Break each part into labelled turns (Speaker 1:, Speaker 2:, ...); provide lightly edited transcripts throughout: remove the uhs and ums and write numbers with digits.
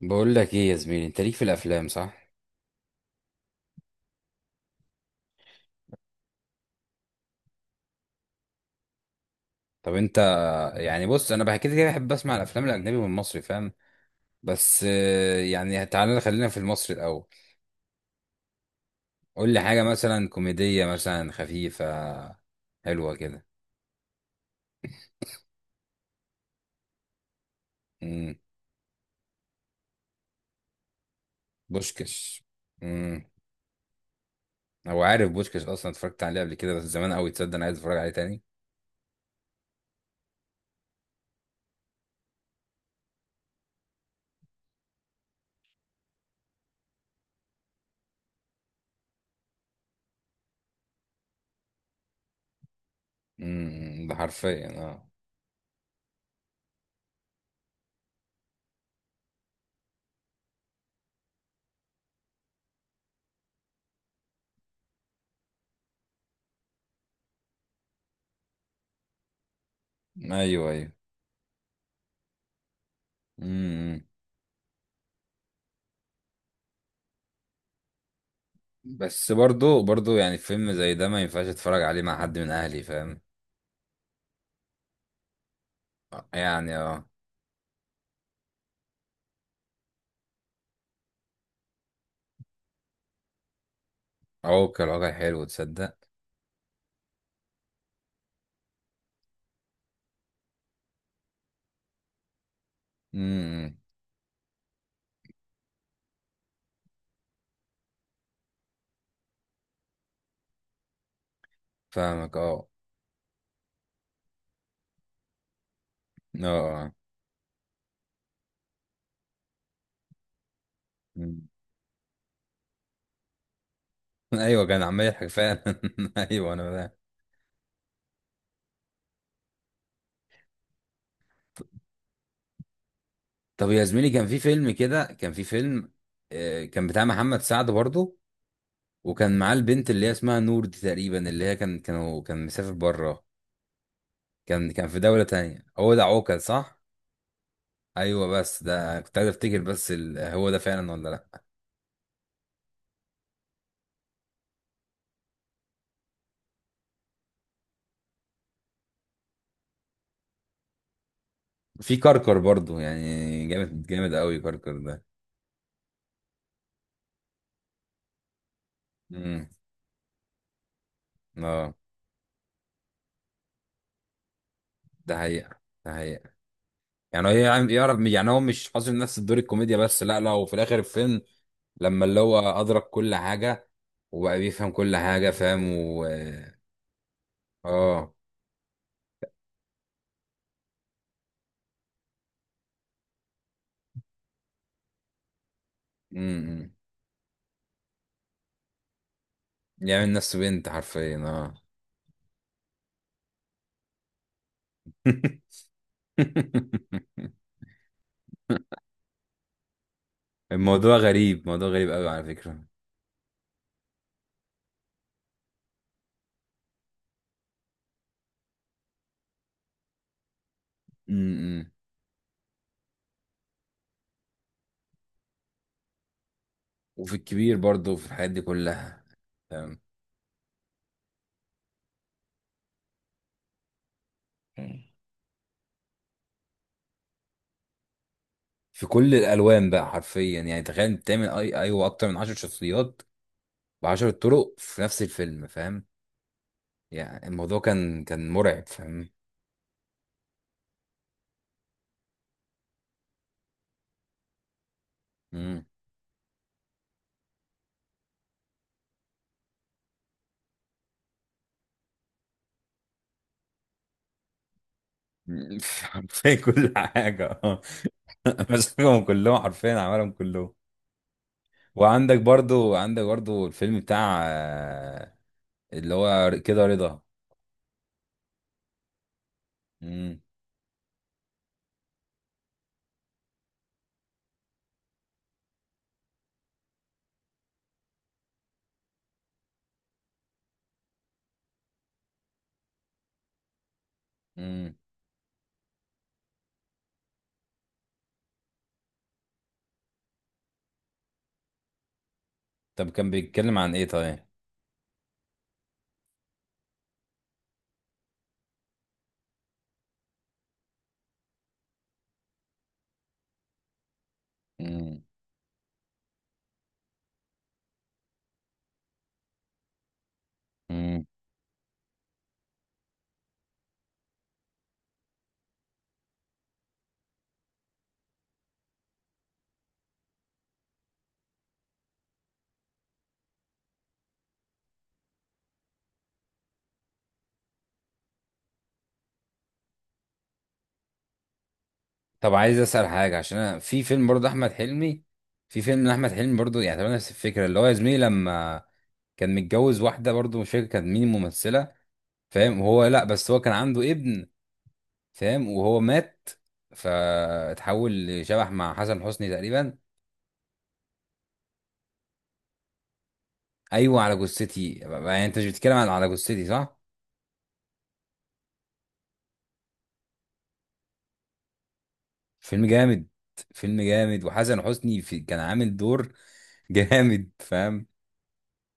Speaker 1: بقول لك ايه يا زميلي، انت ليك في الافلام، صح؟ طب انت. يعني بص، انا بحكي كده بحب اسمع الافلام الاجنبي والمصري، فاهم. بس يعني تعالى خلينا في المصري الاول. قول لي حاجه مثلا كوميديه، مثلا خفيفه. حلوه كده. امم. بوشكش. امم. هو عارف بوشكش اصلا، اتفرجت عليه قبل كده بس زمان قوي. تصدق انا عايز اتفرج عليه تاني. ده حرفيا اه. ايوه، ايوه. امم. بس برضو يعني فيلم زي ده ما ينفعش اتفرج عليه مع حد من اهلي، فاهم. يعني اه. اه، كان الواقع حلو، تصدق. امم. فاهمك اه. اه، آه. مم. ايوه، كان عمال يضحك فعلا. ايوه انا فاهم. طب يا زميلي، كان في فيلم كده، كان في فيلم كان بتاع محمد سعد برضه. وكان معاه البنت اللي هي اسمها نور دي تقريبا، اللي هي كان مسافر بره. كان في دولة تانية. هو ده عوكل صح؟ ايوه، بس ده كنت عايز افتكر بس هو ده فعلا ولا لا؟ في كركر برضه، يعني جامد جامد قوي كركر ده. امم. اه، ده حقيقة، ده حقيقة. يعني هي، يعني يعرف، يعني هو مش حاصل نفس الدور الكوميديا بس، لا لا، وفي الاخر الفيلم لما اللي هو ادرك كل حاجه وبقى بيفهم كل حاجه، فاهم و... اه. امم. يعمل نفسه بنت، حرفيا اه. الموضوع غريب، موضوع غريب قوي على فكره. امم. وفي الكبير برضه، وفي الحاجات دي كلها. فاهم. في كل الالوان بقى، حرفيا يعني تخيل انت تعمل اي، ايوه، اكتر من 10 شخصيات ب 10 طرق في نفس الفيلم، فاهم. يعني الموضوع كان مرعب، فاهم. مم. حرفيا كل حاجة، اه. مسكهم كلهم حرفيا، عملهم كلهم. وعندك برضو عندك برضو الفيلم بتاع اللي هو كده رضا. مم. مم. طب كان بيتكلم عن ايه طيب؟ مم. مم. طب عايز اسأل حاجة، عشان انا في فيلم برضو احمد حلمي. في فيلم لاحمد حلمي برضو، يعني تقريبا نفس الفكرة، اللي هو يا زميلي لما كان متجوز واحدة برضو، مش فاكر كانت مين الممثلة، فاهم، وهو لا بس هو كان عنده ابن، فاهم، وهو مات فاتحول لشبح مع حسن حسني تقريبا. ايوه على جثتي، يعني انت مش بتتكلم عن على جثتي، صح؟ فيلم جامد. فيلم جامد، وحسن حسني في كان عامل دور جامد، فاهم.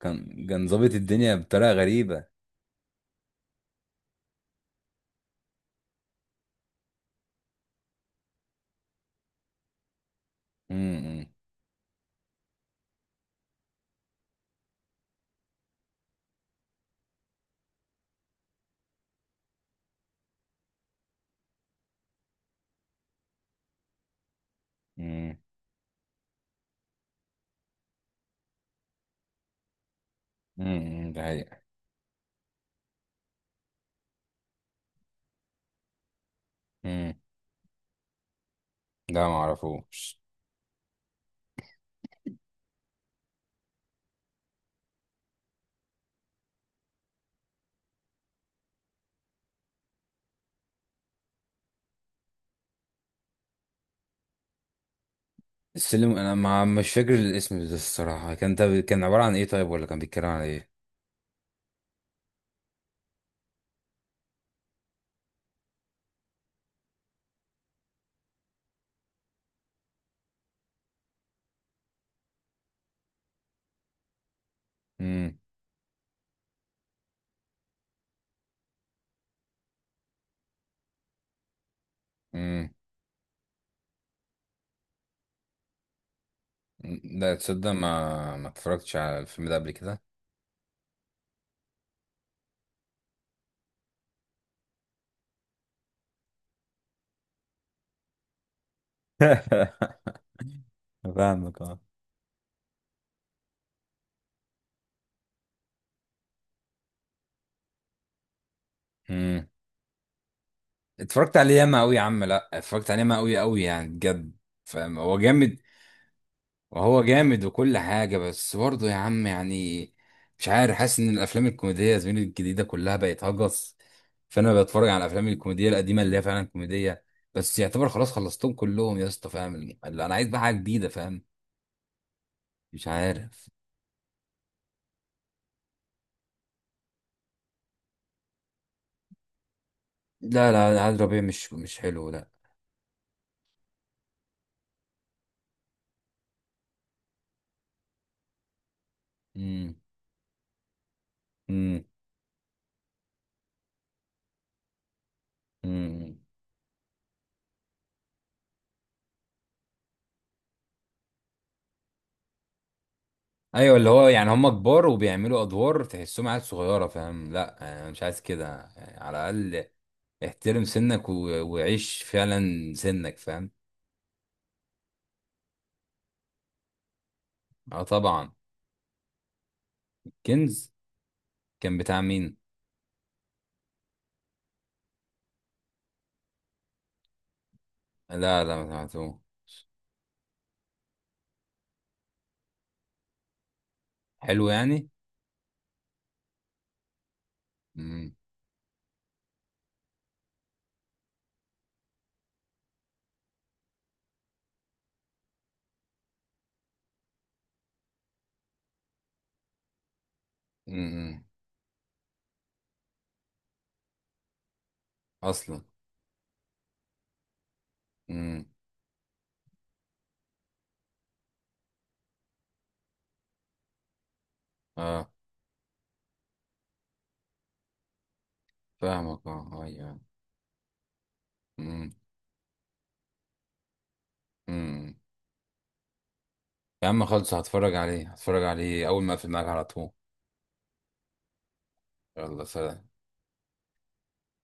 Speaker 1: كان ظابط الدنيا بطريقه غريبه. امم. امم. ده حقيقة. امم. لا، ما اعرفوش. السلم، انا ما مش فاكر الاسم ده الصراحه. كان ده كان عباره عن ايه طيب، ولا كان بيتكلم عن ايه؟ امم. لا تصدق، ما اتفرجتش على الفيلم ده قبل كده. فاهمك اه. امم. اتفرجت عليه ياما قوي يا عم. لا، اتفرجت عليه ياما قوي قوي، يعني بجد، فاهم. هو جامد. وهو جامد وكل حاجه، بس برضه يا عم يعني مش عارف، حاسس ان الافلام الكوميديه يا زميلي الجديده كلها بقت هجس. فانا بتفرج على الافلام الكوميديه القديمه اللي هي فعلا كوميديه. بس يعتبر خلاص خلصتهم كلهم يا اسطى، فاهم. اللي انا عايز بقى حاجه جديده، فاهم. مش عارف. لا لا، عاد ربيع مش حلو، لا. امم. امم. امم. ايوه، اللي هو يعني هم كبار وبيعملوا ادوار تحسهم عيال صغيره، فاهم. لا، انا مش عايز كده، يعني على الاقل احترم سنك و... وعيش فعلا سنك، فاهم. اه طبعا. كنز. كان بتاع مين؟ لا لا، ما سمعتوش. حلو يعني. امم. امم. اصلا. امم. اه. فاهمك اه، ايوه. امم. امم. يا عم خلص، هتفرج عليه، هتفرج عليه اول ما اقفل معاك على طول. يلا سلام.